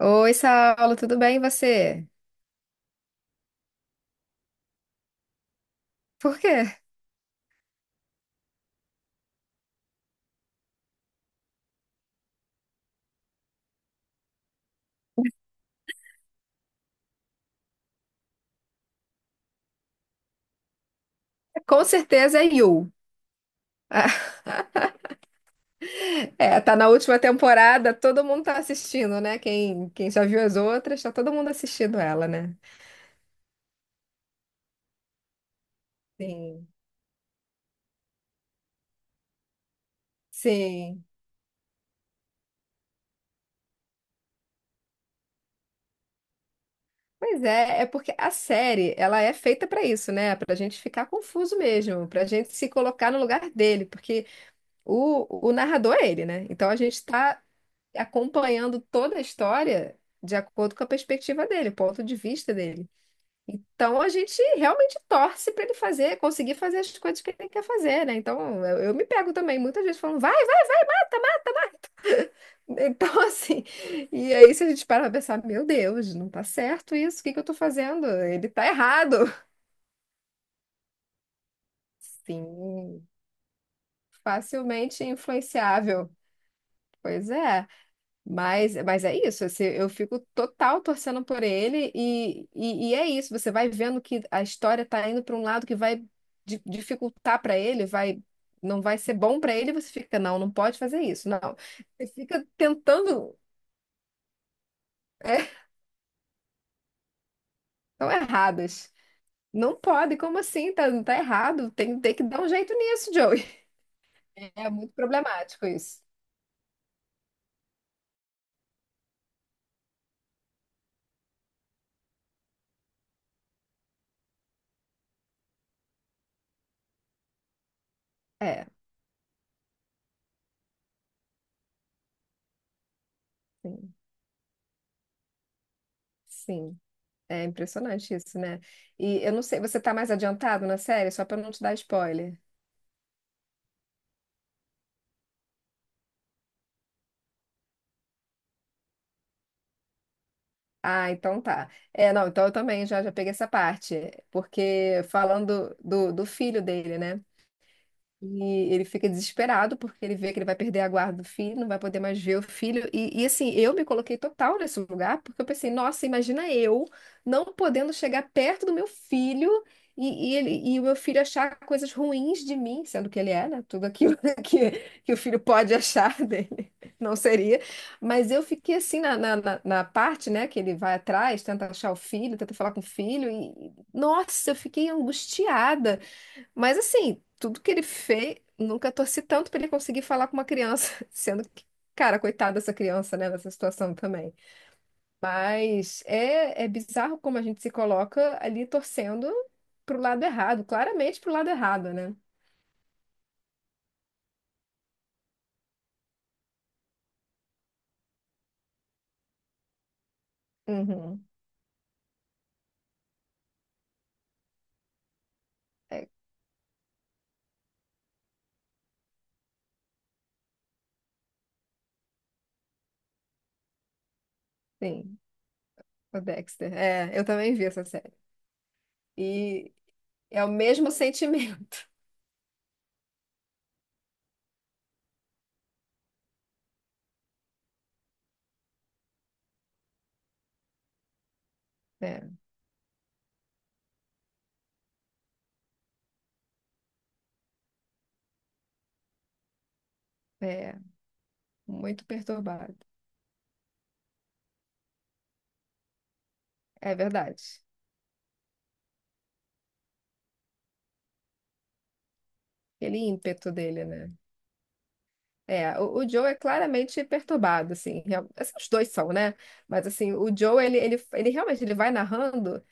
Oi, Saulo, tudo bem e você? Por quê? Com certeza é You. Ah, É, tá na última temporada, todo mundo tá assistindo, né? Quem já viu as outras, tá todo mundo assistindo ela, né? Sim. Sim. Pois é, é porque a série, ela é feita pra isso, né? Pra gente ficar confuso mesmo, pra gente se colocar no lugar dele, porque o narrador é ele, né? Então a gente tá acompanhando toda a história de acordo com a perspectiva dele, o ponto de vista dele. Então a gente realmente torce para ele fazer, conseguir fazer as coisas que ele quer fazer, né? Então eu me pego também muitas vezes falando, vai, vai, tá mais. Então assim, e aí se a gente para pra pensar, meu Deus, não tá certo isso, o que que eu tô fazendo? Ele tá errado. Sim, facilmente influenciável. Pois é. Mas é isso, assim, eu fico total torcendo por ele e é isso, você vai vendo que a história tá indo para um lado que vai dificultar para ele, vai não vai ser bom para ele, e você fica, não, não pode fazer isso, não. Você fica tentando, é, estão erradas. Não pode, como assim? Tá, tá errado, tem, tem que dar um jeito nisso, Joey. É muito problemático isso. É, sim, sim. É impressionante isso, né? E eu não sei, você tá mais adiantado na série? Só para não te dar spoiler. Ah, então tá. É, não, então eu também já, já peguei essa parte, porque falando do filho dele, né? E ele fica desesperado porque ele vê que ele vai perder a guarda do filho, não vai poder mais ver o filho. E, assim, eu me coloquei total nesse lugar, porque eu pensei, nossa, imagina eu não podendo chegar perto do meu filho e ele, e o meu filho achar coisas ruins de mim, sendo que ele é, né? Tudo aquilo que, que o filho pode achar dele, não seria. Mas eu fiquei assim na parte, né, que ele vai atrás, tenta achar o filho, tenta falar com o filho, e nossa, eu fiquei angustiada. Mas assim, tudo que ele fez, nunca torci tanto pra ele conseguir falar com uma criança, sendo que, cara, coitada dessa criança, né, nessa situação também. Mas é, é bizarro como a gente se coloca ali torcendo pro lado errado, claramente pro lado errado, né? Uhum. É, sim, o Dexter. É, eu também vi essa série. E é o mesmo sentimento, né? É, muito perturbado. É verdade. Aquele ímpeto dele, né? É, o Joe é claramente perturbado, assim, assim, os dois são, né? Mas assim, o Joe, ele realmente ele vai narrando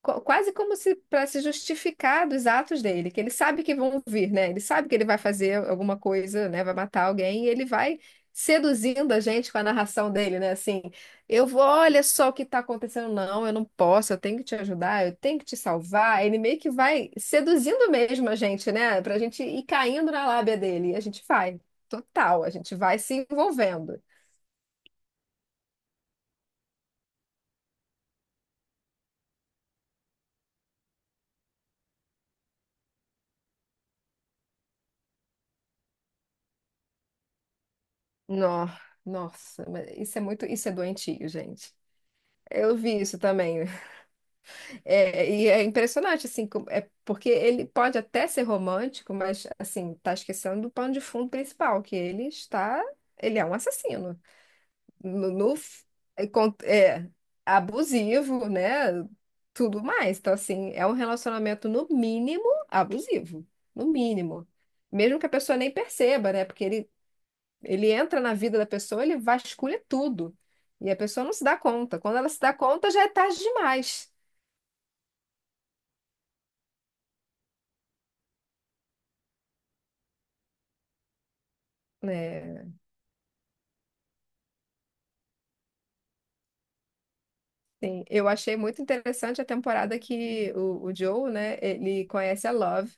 quase como se para se justificar dos atos dele, que ele sabe que vão vir, né? Ele sabe que ele vai fazer alguma coisa, né? Vai matar alguém e ele vai seduzindo a gente com a narração dele, né? Assim, eu vou, olha só o que está acontecendo. Não, eu não posso, eu tenho que te ajudar, eu tenho que te salvar. Ele meio que vai seduzindo mesmo a gente, né? Pra gente ir caindo na lábia dele. E a gente vai, total, a gente vai se envolvendo. Nó- Nossa, mas isso é muito, isso é doentio, gente. Eu vi isso também. É, e é impressionante, assim, é porque ele pode até ser romântico, mas, assim, tá esquecendo do pano de fundo principal, que ele está, ele é um assassino, no, no f- é, é, abusivo, né, tudo mais, então, assim, é um relacionamento, no mínimo, abusivo, no mínimo, mesmo que a pessoa nem perceba, né, porque ele entra na vida da pessoa, ele vasculha tudo, e a pessoa não se dá conta, quando ela se dá conta, já é tarde demais, né? Sim, eu achei muito interessante a temporada que o Joe, né, ele conhece a Love,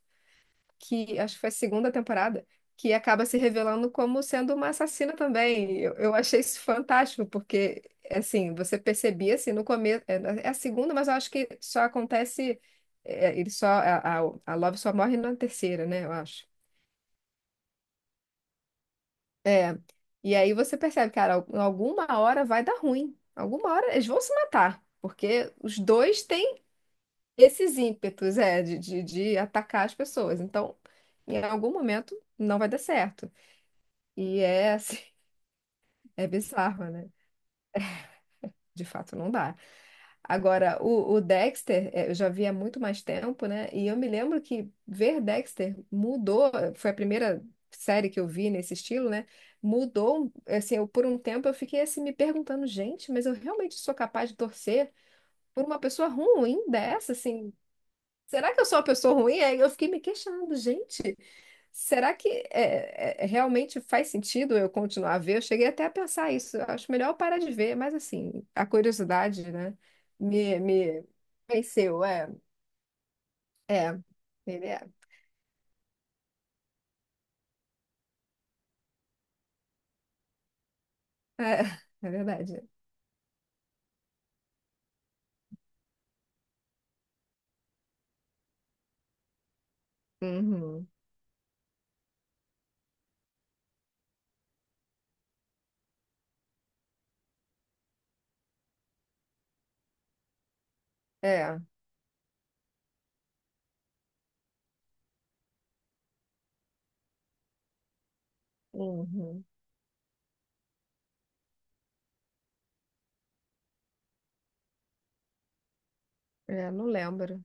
que acho que foi a segunda temporada, que acaba se revelando como sendo uma assassina também. Eu achei isso fantástico, porque, assim, você percebia, assim, no começo, é, é a segunda, mas eu acho que só acontece, é, ele só, a Love só morre na terceira, né, eu acho. É, e aí você percebe, cara, alguma hora vai dar ruim, alguma hora eles vão se matar, porque os dois têm esses ímpetos, é, de atacar as pessoas. Então, em algum momento, não vai dar certo. E é assim, é bizarro, né? De fato, não dá. Agora, o Dexter, é, eu já vi há muito mais tempo, né? E eu me lembro que ver Dexter mudou, foi a primeira série que eu vi nesse estilo, né? Mudou, assim, eu, por um tempo eu fiquei assim me perguntando, gente, mas eu realmente sou capaz de torcer por uma pessoa ruim dessa, assim, será que eu sou uma pessoa ruim? Aí eu fiquei me questionando, gente, será que é, é, realmente faz sentido eu continuar a ver? Eu cheguei até a pensar isso. Eu acho melhor eu parar de ver, mas assim, a curiosidade, né, me venceu. É, é, ele é. É, é verdade. Uhum. É, uhum. É, não lembro.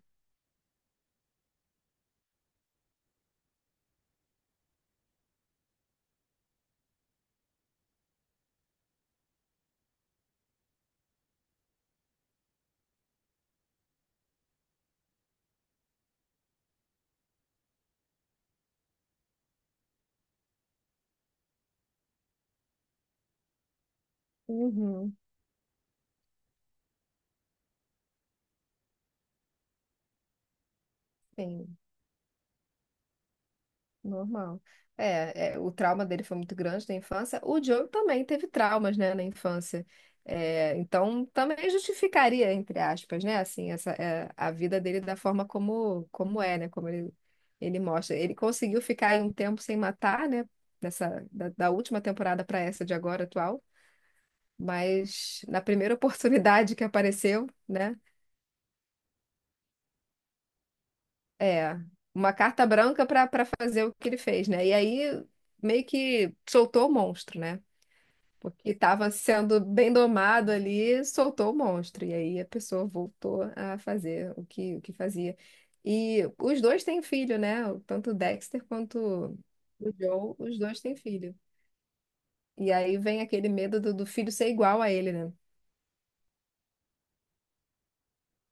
Uhum. Sim. Normal. É, é, o trauma dele foi muito grande na infância. O Joe também teve traumas, né, na infância. É, então, também justificaria, entre aspas, né, assim, essa, é, a vida dele da forma como, como é, né, como ele mostra. Ele conseguiu ficar aí um tempo sem matar, né, dessa, da última temporada para essa de agora atual, mas na primeira oportunidade que apareceu, né, é uma carta branca para para fazer o que ele fez, né, e aí meio que soltou o monstro, né? Porque estava sendo bem domado ali, soltou o monstro. E aí a pessoa voltou a fazer o que fazia. E os dois têm filho, né? Tanto o Dexter quanto o Joe, os dois têm filho. E aí vem aquele medo do filho ser igual a ele, né?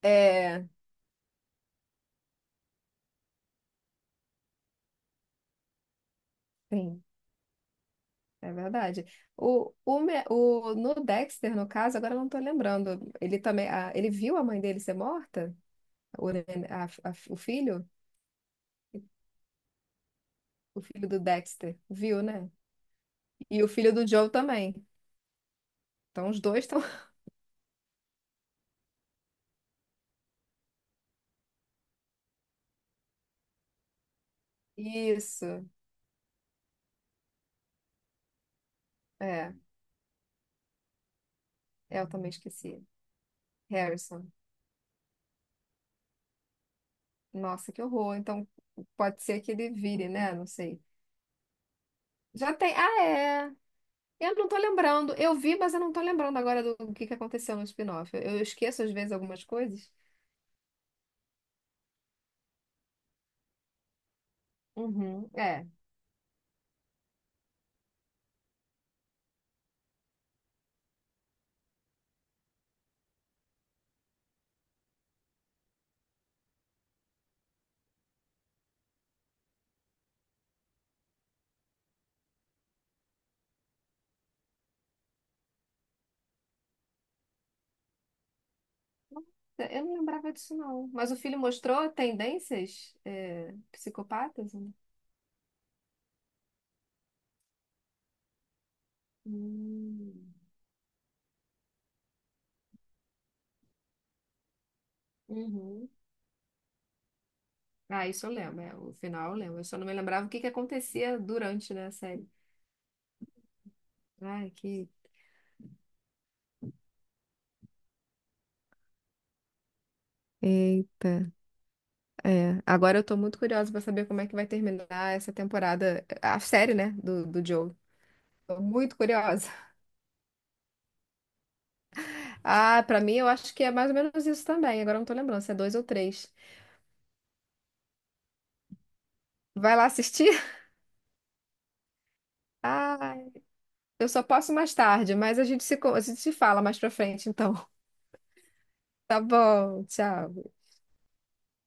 É, sim, é verdade. No Dexter, no caso, agora eu não tô lembrando. Ele também, ele viu a mãe dele ser morta? O, nen- a- o filho? O filho do Dexter. Viu, né? E o filho do Joe também. Então os dois estão. Isso. É, eu também esqueci. Harrison. Nossa, que horror. Então pode ser que ele vire, né? Não sei. Já tem. Ah, é. Eu não tô lembrando. Eu vi, mas eu não tô lembrando agora do que aconteceu no spin-off. Eu esqueço às vezes algumas coisas. Uhum. É. Eu não lembrava disso, não. Mas o filho mostrou tendências é, psicopatas? Né? Hum. Uhum. Ah, isso eu lembro, é, o final eu lembro. Eu só não me lembrava o que que acontecia durante, né, a série. Ai, que. Eita, é. Agora eu tô muito curiosa pra saber como é que vai terminar essa temporada, a série, né, do Joe. Tô muito curiosa. Ah, pra mim eu acho que é mais ou menos isso também. Agora eu não tô lembrando se é dois ou três. Vai lá assistir? Ah, eu só posso mais tarde, mas a gente se, a gente se fala mais pra frente, então. Tá bom, tchau.